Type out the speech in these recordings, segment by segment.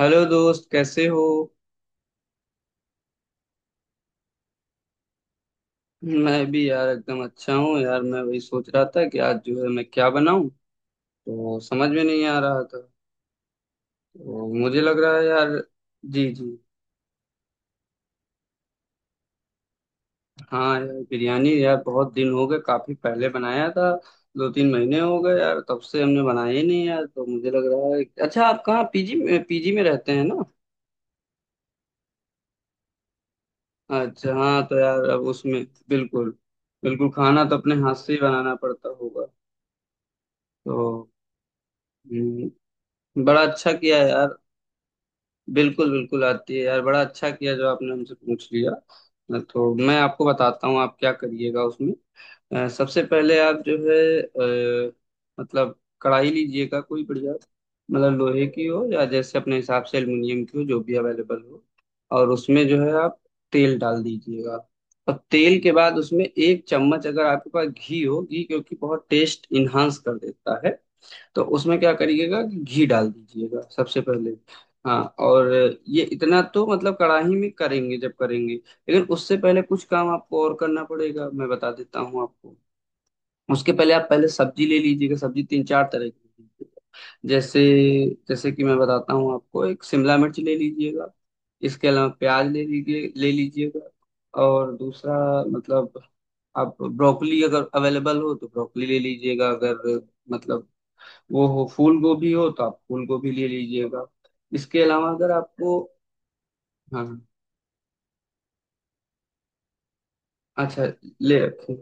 Hello दोस्त, कैसे हो। मैं भी यार एकदम अच्छा हूँ यार। मैं वही सोच रहा था कि आज जो है मैं क्या बनाऊं, तो समझ में नहीं आ रहा था। तो मुझे लग रहा है यार। जी जी। हाँ यार, बिरयानी यार बहुत दिन हो गए, काफी पहले बनाया था। दो तीन महीने हो गए यार, तब से हमने बनाया ही नहीं यार, तो मुझे लग रहा है। अच्छा आप कहाँ, पीजी में रहते हैं ना। अच्छा हाँ, तो यार अब उसमें बिल्कुल, बिल्कुल खाना तो अपने हाथ से ही बनाना पड़ता होगा। तो हम्म, बड़ा अच्छा किया यार। बिल्कुल बिल्कुल आती है यार, बड़ा अच्छा किया जो आपने हमसे पूछ लिया। तो मैं आपको बताता हूँ आप क्या करिएगा उसमें। सबसे पहले आप जो है, मतलब कढ़ाई लीजिएगा कोई बढ़िया। मतलब लोहे की हो, या जैसे अपने हिसाब से एल्युमिनियम की हो, जो भी अवेलेबल हो। और उसमें जो है आप तेल डाल दीजिएगा। और तेल के बाद उसमें एक चम्मच, अगर आपके पास घी हो, घी क्योंकि बहुत टेस्ट इन्हांस कर देता है, तो उसमें क्या करिएगा कि घी डाल दीजिएगा सबसे पहले। हाँ। और ये इतना तो मतलब कढ़ाई में करेंगे जब करेंगे, लेकिन उससे पहले कुछ काम आपको और करना पड़ेगा, मैं बता देता हूँ आपको। उसके पहले आप पहले सब्जी ले लीजिएगा, सब्जी तीन चार तरह की ले लीजिएगा। जैसे, जैसे कि मैं बताता हूँ आपको, एक शिमला मिर्च ले लीजिएगा। इसके अलावा प्याज ले लीजिएगा। और दूसरा, मतलब आप ब्रोकली अगर अवेलेबल हो तो ब्रोकली ले लीजिएगा। अगर मतलब वो हो, फूल गोभी हो तो आप फूल गोभी ले लीजिएगा। इसके अलावा अगर आपको, हाँ हाँ, अच्छा ले रखे।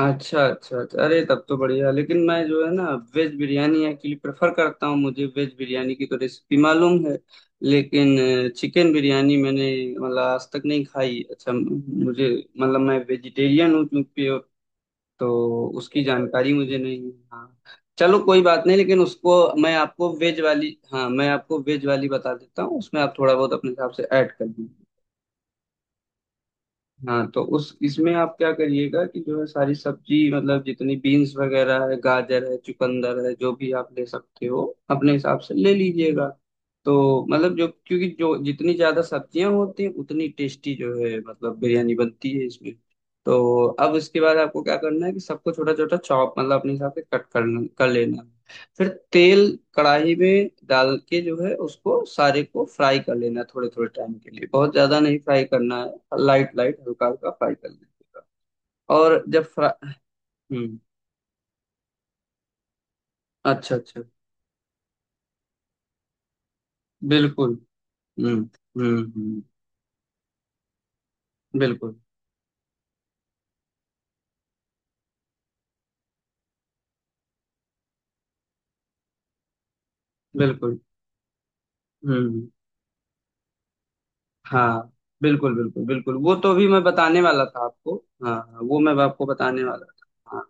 अच्छा अच्छा अच्छा, अरे तब तो बढ़िया, लेकिन मैं जो है ना वेज बिरयानी एक्चुअली प्रेफर करता हूँ। मुझे वेज बिरयानी की तो रेसिपी मालूम है, लेकिन चिकन बिरयानी मैंने मतलब आज तक नहीं खाई। अच्छा मुझे, मतलब मैं वेजिटेरियन हूँ क्योंकि, तो उसकी जानकारी मुझे नहीं है। हाँ चलो कोई बात नहीं, लेकिन उसको मैं आपको वेज वाली, हाँ मैं आपको वेज वाली बता देता हूँ, उसमें आप थोड़ा बहुत अपने हिसाब से ऐड कर दीजिए। हाँ तो उस इसमें आप क्या करिएगा कि जो है सारी सब्जी, मतलब जितनी बीन्स वगैरह है, गाजर है, चुकंदर है, जो भी आप ले सकते हो, अपने हिसाब से ले लीजिएगा। तो मतलब जो, क्योंकि जो जितनी ज्यादा सब्जियां होती हैं उतनी टेस्टी जो है मतलब बिरयानी बनती है इसमें। तो अब इसके बाद आपको क्या करना है कि सबको छोटा छोटा चॉप, मतलब अपने हिसाब से कट करना, कर लेना है। फिर तेल कढ़ाई में डाल के जो है उसको सारे को फ्राई कर लेना है थोड़े थोड़े टाइम के लिए, बहुत ज्यादा नहीं फ्राई करना है, लाइट लाइट हल्का हल्का फ्राई कर लेना है। और जब फ्रा हम्म। अच्छा अच्छा। बिल्कुल। हम्म हम्म। बिल्कुल बिल्कुल। हम्म। हाँ। बिल्कुल बिल्कुल बिल्कुल, वो तो भी मैं बताने वाला था आपको। हाँ हाँ, वो मैं आपको बताने वाला था। हाँ।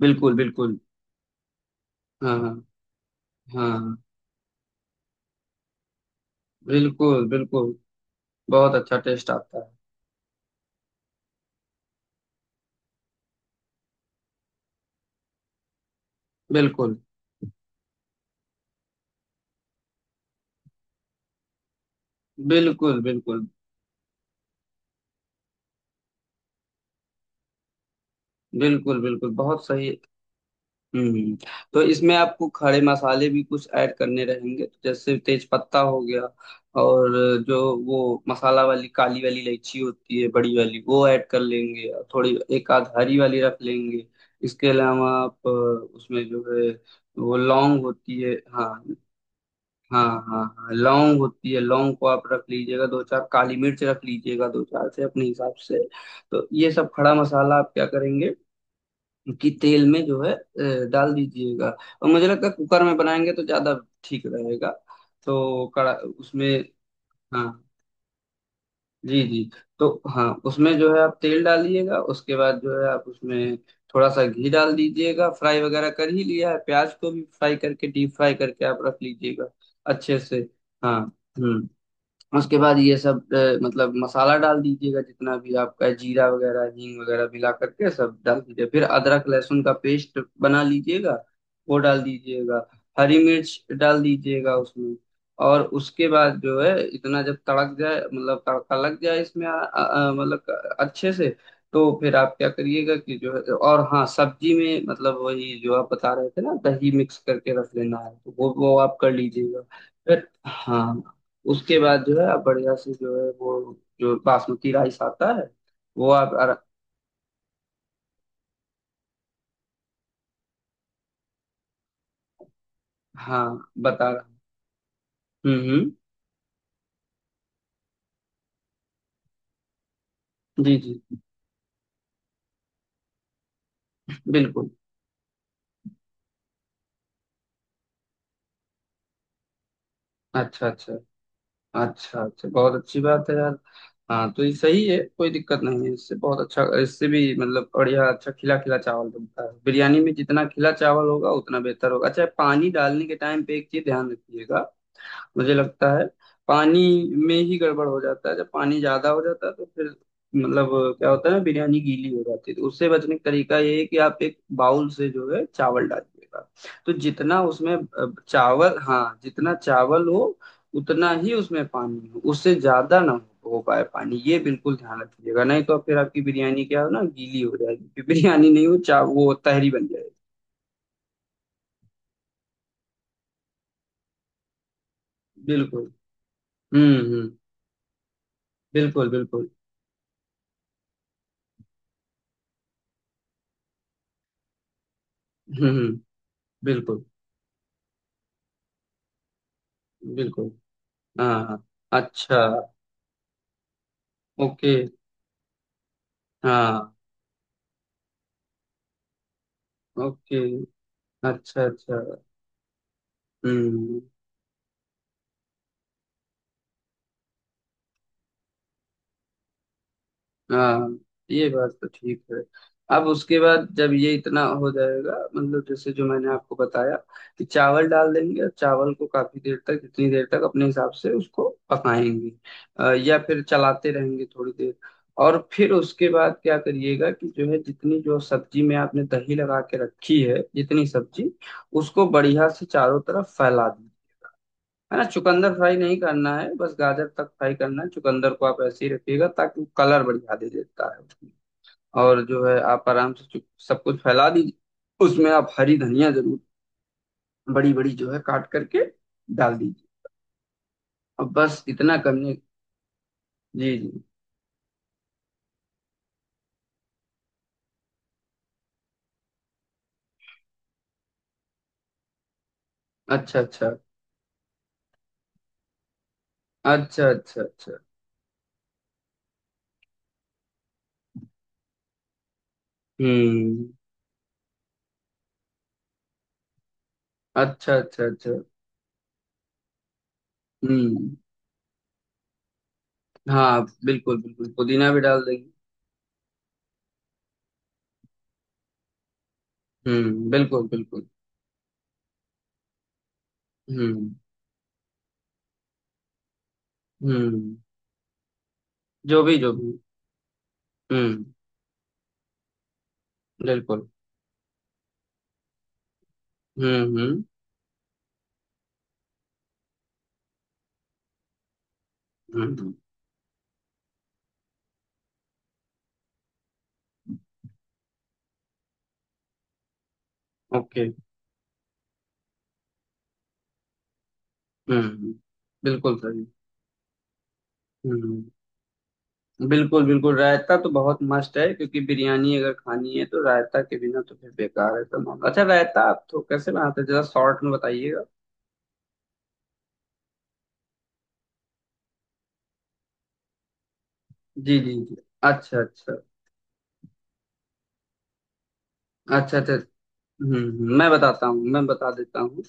बिल्कुल बिल्कुल। हाँ हाँ हाँ। बिल्कुल बिल्कुल, बहुत अच्छा टेस्ट आता है। बिल्कुल बिल्कुल बिल्कुल। बिल्कुल बिल्कुल, बहुत सही। हम्म। तो इसमें आपको खड़े मसाले भी कुछ ऐड करने रहेंगे, तो जैसे तेज पत्ता हो गया, और जो, वो मसाला वाली काली वाली इलायची होती है बड़ी वाली, वो ऐड कर लेंगे, और थोड़ी एक आध हरी वाली रख लेंगे। इसके अलावा आप उसमें जो है वो लौंग होती है, हाँ। हाँ हाँ हाँ, लौंग होती है, लौंग को आप रख लीजिएगा, दो चार काली मिर्च रख लीजिएगा, दो चार से अपने हिसाब से। तो ये सब खड़ा मसाला आप क्या करेंगे कि तेल में जो है डाल दीजिएगा। और मुझे लगता है कुकर में बनाएंगे तो ज्यादा ठीक रहेगा। तो कड़ा उसमें, हाँ जी जी। तो हाँ, उसमें जो है आप तेल डालिएगा, उसके बाद जो है आप उसमें थोड़ा सा घी डाल दीजिएगा। फ्राई वगैरह कर ही लिया है, प्याज को भी फ्राई करके, डीप फ्राई करके आप रख लीजिएगा अच्छे से। हाँ। हम्म। उसके बाद ये सब मतलब मसाला डाल दीजिएगा, जितना भी आपका जीरा वगैरह, हींग वगैरह मिला करके सब डाल दीजिए। फिर अदरक लहसुन का पेस्ट बना लीजिएगा, वो डाल दीजिएगा। हरी मिर्च डाल दीजिएगा उसमें। और उसके बाद जो है इतना जब तड़क जाए, मतलब तड़का लग जाए इसमें मतलब अच्छे से। तो फिर आप क्या करिएगा कि जो है, और हाँ, सब्जी में मतलब वही जो आप बता रहे थे ना, दही मिक्स करके रख लेना है, तो वो आप कर लीजिएगा। फिर हाँ, उसके बाद जो है आप बढ़िया से जो है वो जो बासमती राइस आता है वो आप हाँ बता रहा हूँ। हम्म हम्म, जी जी। बिल्कुल। अच्छा अच्छा अच्छा अच्छा, बहुत अच्छी बात है यार। हाँ तो ये सही है, कोई दिक्कत नहीं है इससे, बहुत अच्छा, इससे भी मतलब बढ़िया अच्छा खिला खिला चावल बनता है। बिरयानी में जितना खिला चावल होगा उतना बेहतर होगा। अच्छा, पानी डालने के टाइम पे एक चीज ध्यान रखिएगा, मुझे लगता है पानी में ही गड़बड़ हो जाता है, जब पानी ज्यादा हो जाता है तो फिर मतलब क्या होता है ना, बिरयानी गीली हो जाती है। तो उससे बचने का तरीका ये है कि आप एक बाउल से जो है चावल डालिएगा, तो जितना उसमें चावल, हाँ जितना चावल हो उतना ही उसमें पानी हो, उससे ज्यादा ना हो पाए पानी, ये बिल्कुल ध्यान रखिएगा। नहीं तो फिर आपकी बिरयानी क्या हो ना, गीली हो जाएगी, फिर बिरयानी नहीं हो, चा वो तहरी बन जाएगी। बिल्कुल। हम्म। बिल्कुल बिल्कुल। हम्म। बिल्कुल बिल्कुल। हाँ अच्छा। ओके। हाँ। ओके। अच्छा अच्छा। हम्म। हाँ ये बात तो ठीक है। अब उसके बाद जब ये इतना हो जाएगा, मतलब जैसे जो मैंने आपको बताया कि चावल डाल देंगे, और चावल को काफी देर तक, जितनी देर तक अपने हिसाब से उसको पकाएंगे, या फिर चलाते रहेंगे थोड़ी देर। और फिर उसके बाद क्या करिएगा कि जो है जितनी जो सब्जी में आपने दही लगा के रखी है, जितनी सब्जी, उसको बढ़िया से चारों तरफ फैला दीजिए। है ना, चुकंदर फ्राई नहीं करना है, बस गाजर तक फ्राई करना है। चुकंदर को आप ऐसे ही रखिएगा ताकि वो कलर बढ़िया दे देता है उसमें। और जो है आप आराम से सब कुछ फैला दीजिए। उसमें आप हरी धनिया जरूर, बड़ी बड़ी जो है काट करके डाल दीजिए। अब बस इतना करने, जी जी। अच्छा अच्छा अच्छा अच्छा अच्छा। हम्म। अच्छा अच्छा अच्छा। हम्म। हाँ बिल्कुल बिल्कुल, पुदीना भी डाल देंगे। बिल्कुल बिल्कुल। हम्म हम्म। जो भी जो भी। हम्म। बिल्कुल। हम्म हम्म हम्म। ओके। हम्म हम्म, बिल्कुल सही। हम्म हम्म, बिल्कुल बिल्कुल। रायता तो बहुत मस्त है क्योंकि बिरयानी अगर खानी है तो रायता के बिना तो फिर बेकार है, तो मामला। अच्छा रायता आप तो कैसे बनाते हैं, जरा शॉर्ट में बताइएगा। जी जी जी। अच्छा अच्छा अच्छा अच्छा। मैं बताता हूँ, मैं बता देता हूँ।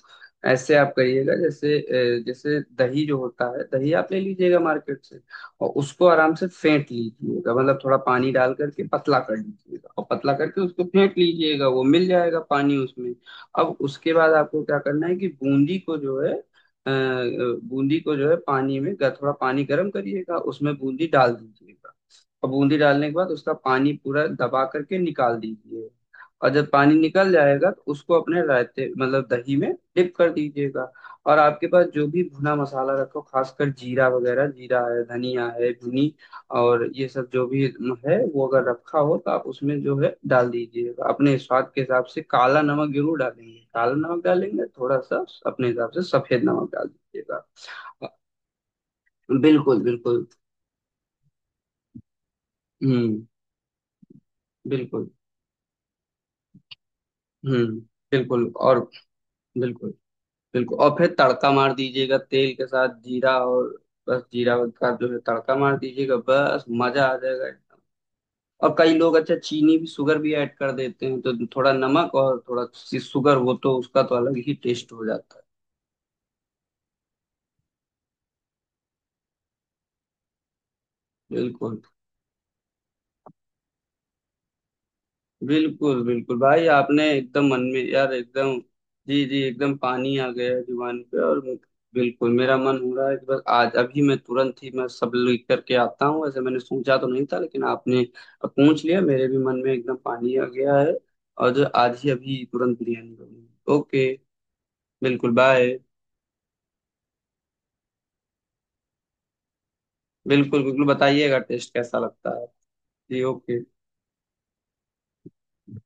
ऐसे आप करिएगा, जैसे जैसे दही जो होता है, दही आप ले लीजिएगा मार्केट से, और उसको आराम से फेंट लीजिएगा। मतलब थोड़ा पानी डाल करके पतला कर लीजिएगा, और पतला करके उसको फेंट लीजिएगा, वो मिल जाएगा पानी उसमें। अब उसके बाद आपको क्या करना है कि बूंदी को जो है बूंदी को जो है पानी में, थोड़ा पानी गर्म करिएगा, उसमें बूंदी डाल दीजिएगा। और बूंदी डालने के बाद उसका पानी पूरा दबा करके निकाल दीजिए। और जब पानी निकल जाएगा तो उसको अपने रायते, मतलब दही में डिप कर दीजिएगा। और आपके पास जो भी भुना मसाला रखो, खासकर जीरा वगैरह, जीरा है, धनिया है, भुनी, और ये सब जो भी है, वो अगर रखा हो तो आप उसमें जो है डाल दीजिएगा। अपने स्वाद के हिसाब से काला नमक जरूर डालेंगे, काला नमक डालेंगे थोड़ा सा, अपने हिसाब से सफेद नमक डाल दीजिएगा। बिल्कुल बिल्कुल। हम्म। बिल्कुल। हम्म। बिल्कुल। और बिल्कुल बिल्कुल, और फिर तड़का मार दीजिएगा तेल के साथ जीरा और, बस जीरा का जो है तड़का मार दीजिएगा, बस मजा आ जाएगा एकदम। और कई लोग, अच्छा चीनी भी, शुगर भी ऐड कर देते हैं, तो थोड़ा नमक और थोड़ा सी शुगर हो तो उसका तो अलग ही टेस्ट हो जाता है। बिल्कुल। बिल्कुल बिल्कुल भाई, आपने एकदम मन में यार एकदम। जी जी एकदम पानी आ गया है जुबान पे। और बिल्कुल, मेरा मन हो रहा है कि बस आज अभी मैं तुरंत ही, मैं सब लिख करके आता हूँ। ऐसे मैंने सोचा तो नहीं था लेकिन आपने पूछ लिया, मेरे भी मन में एकदम पानी आ गया है, और जो आज ही अभी तुरंत बिरयानी बनी। ओके। बिल्कुल बाय। बिल्कुल बिल्कुल बताइएगा टेस्ट कैसा लगता है। जी ओके।